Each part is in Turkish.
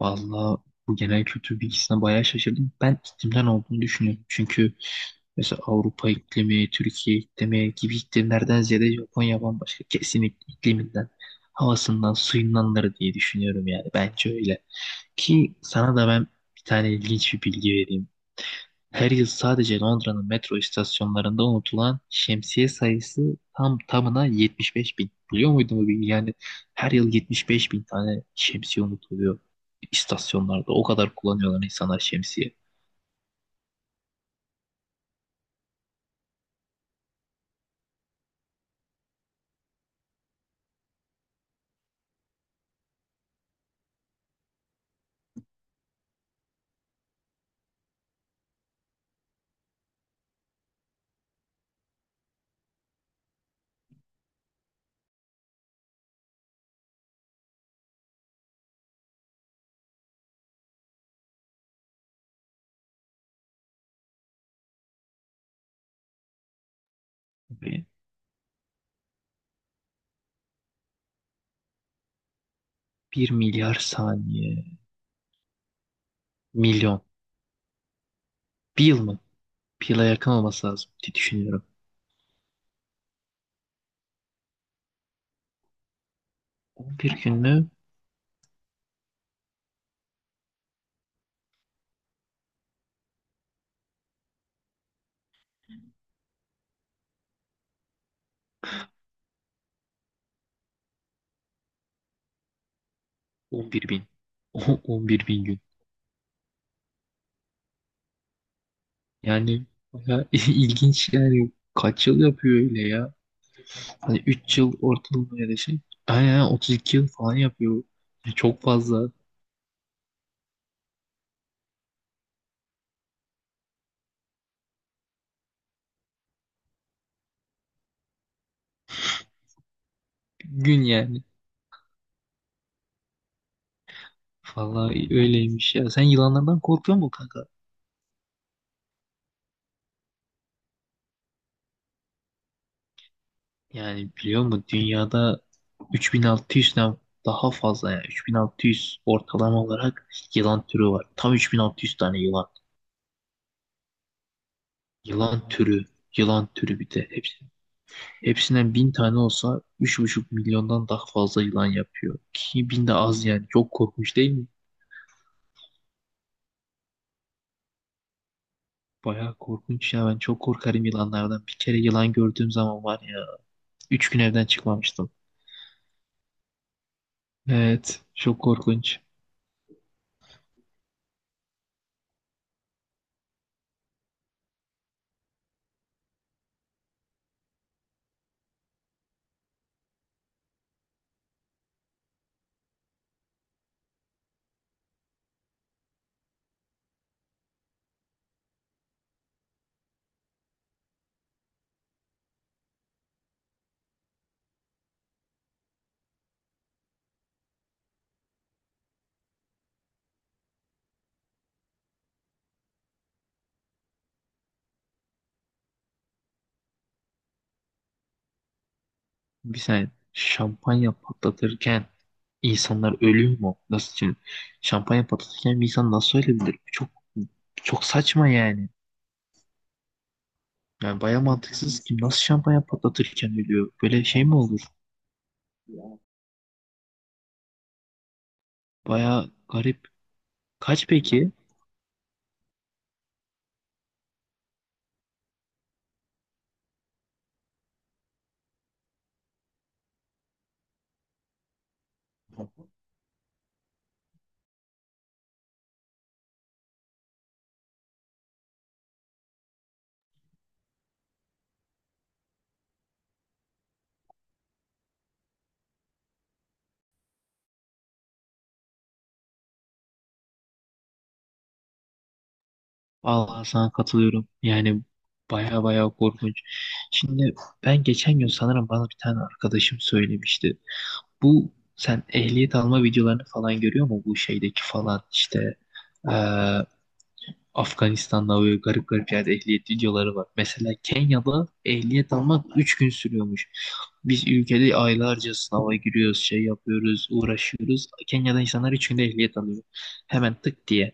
Vallahi bu genel kültür bilgisine bayağı şaşırdım. Ben iklimden olduğunu düşünüyorum. Çünkü mesela Avrupa iklimi, Türkiye iklimi gibi iklimlerden ziyade Japonya bambaşka. Kesinlikle ikliminden, havasından, suyundanları diye düşünüyorum yani. Bence öyle. Ki sana da ben bir tane ilginç bir bilgi vereyim. Her yıl sadece Londra'nın metro istasyonlarında unutulan şemsiye sayısı tam tamına 75 bin. Biliyor muydun bu bilgiyi? Yani her yıl 75 bin tane şemsiye unutuluyor istasyonlarda. O kadar kullanıyorlar insanlar şemsiye. Ve 1 milyar saniye, milyon, bir yıl mı? Bir yıla yakın olması lazım diye düşünüyorum. 11 gün mü? 11 bin. On bir bin gün. Yani bayağı ilginç yani. Kaç yıl yapıyor öyle ya? Hani 3 yıl ortalama ya da şey. Aynen aynen, 32 yıl falan yapıyor. Ya çok fazla. Gün yani. Vallahi öyleymiş ya. Sen yılanlardan korkuyor musun kanka? Yani biliyor musun dünyada 3600'den daha fazla yani 3600 ortalama olarak yılan türü var. Tam 3600 tane yılan. Yılan türü, yılan türü bir de hepsi. Hepsinden 1000 tane olsa 3,5 milyondan daha fazla yılan yapıyor. Ki 1000 de az yani. Çok korkmuş değil mi? Bayağı korkunç ya. Ben çok korkarım yılanlardan. Bir kere yılan gördüğüm zaman var ya. 3 gün evden çıkmamıştım. Evet. Çok korkunç. Bir saniye. Şampanya patlatırken insanlar ölüyor mu? Nasıl şimdi? Şampanya patlatırken bir insan nasıl ölebilir? Çok çok saçma yani. Yani bayağı mantıksız ki nasıl şampanya patlatırken ölüyor? Böyle şey mi olur? Bayağı garip. Kaç peki? Vallahi sana katılıyorum. Yani baya baya korkunç. Şimdi ben geçen gün sanırım bana bir tane arkadaşım söylemişti. Bu sen ehliyet alma videolarını falan görüyor mu? Bu şeydeki falan işte eee Afganistan'da böyle garip garip yerde ehliyet videoları var. Mesela Kenya'da ehliyet almak 3 gün sürüyormuş. Biz ülkede aylarca sınava giriyoruz, şey yapıyoruz, uğraşıyoruz. Kenya'da insanlar 3 günde ehliyet alıyor. Hemen tık diye.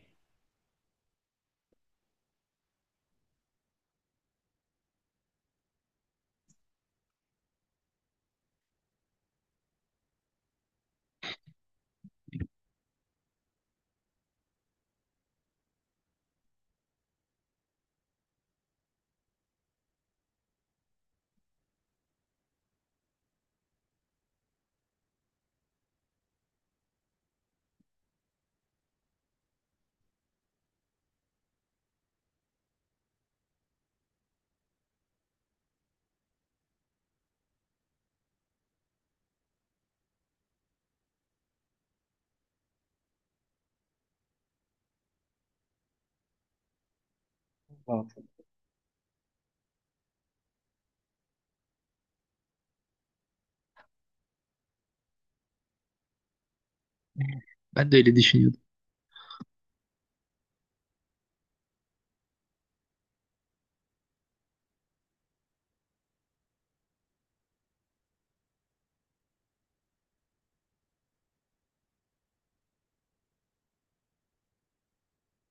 Ben de öyle düşünüyordum.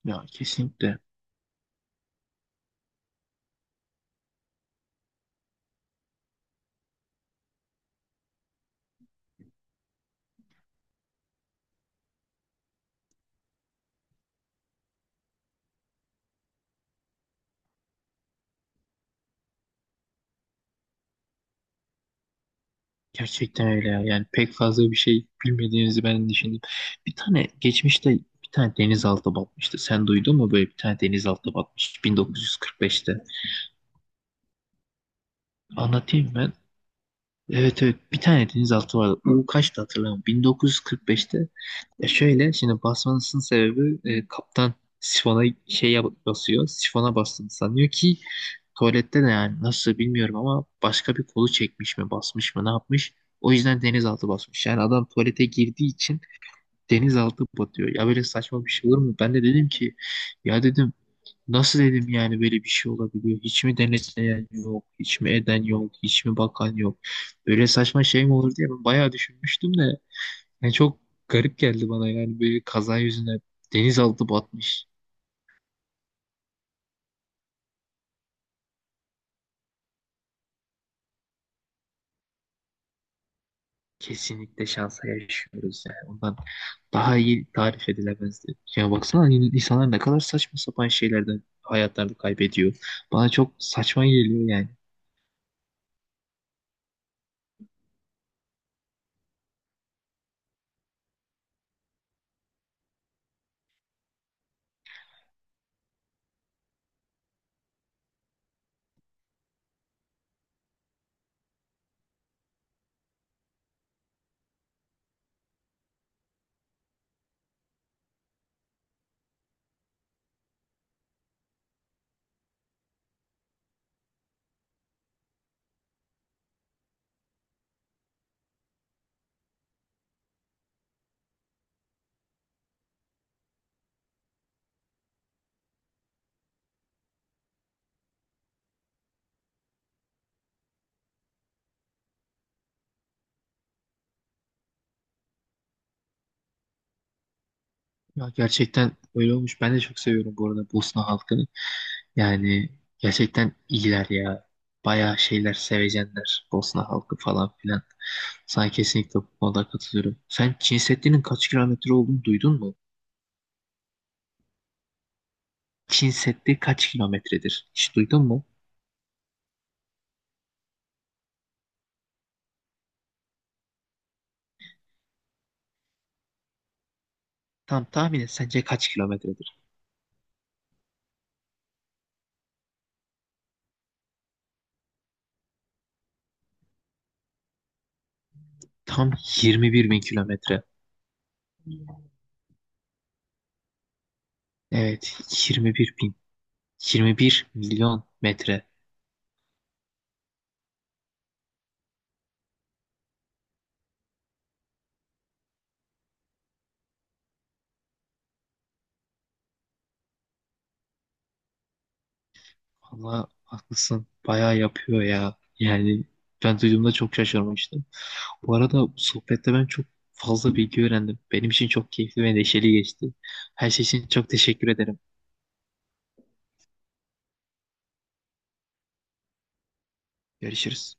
Ya kesinlikle. Gerçekten öyle ya. Yani pek fazla bir şey bilmediğinizi ben düşündüm. Bir tane geçmişte bir tane denizaltı batmıştı. Sen duydun mu böyle bir tane denizaltı batmış 1945'te? Anlatayım ben. Evet evet bir tane denizaltı vardı. U kaçtı hatırlamıyorum. 1945'te. Ya şöyle şimdi basmasının sebebi kaptan sifona basıyor. Sifona bastığını sanıyor ki tuvalette de yani nasıl bilmiyorum ama başka bir kolu çekmiş mi basmış mı ne yapmış. O yüzden denizaltı basmış. Yani adam tuvalete girdiği için denizaltı batıyor. Ya böyle saçma bir şey olur mu? Ben de dedim ki ya dedim nasıl dedim yani böyle bir şey olabiliyor? Hiç mi denetleyen yok? Hiç mi eden yok? Hiç mi bakan yok? Böyle saçma şey mi olur diye ben bayağı düşünmüştüm de. Yani çok garip geldi bana yani böyle kaza yüzüne denizaltı batmış. Kesinlikle şansa yaşıyoruz yani. Ondan daha iyi tarif edilemezdi. Ya baksana insanlar ne kadar saçma sapan şeylerden hayatlarını kaybediyor. Bana çok saçma geliyor yani. Ya gerçekten öyle olmuş. Ben de çok seviyorum bu arada Bosna halkını. Yani gerçekten iyiler ya. Bayağı şeyler sevecenler Bosna halkı falan filan. Sana kesinlikle bu konuda katılıyorum. Sen Çin Seddi'nin kaç kilometre olduğunu duydun mu? Çin Seddi kaç kilometredir? Hiç duydun mu? Tam tahmin et sence kaç kilometredir? Tam 21 bin kilometre. Evet 21 bin. 21 milyon metre. Valla haklısın. Bayağı yapıyor ya. Yani ben duyduğumda çok şaşırmıştım. Bu arada bu sohbette ben çok fazla bilgi öğrendim. Benim için çok keyifli ve neşeli geçti. Her şey için çok teşekkür ederim. Görüşürüz.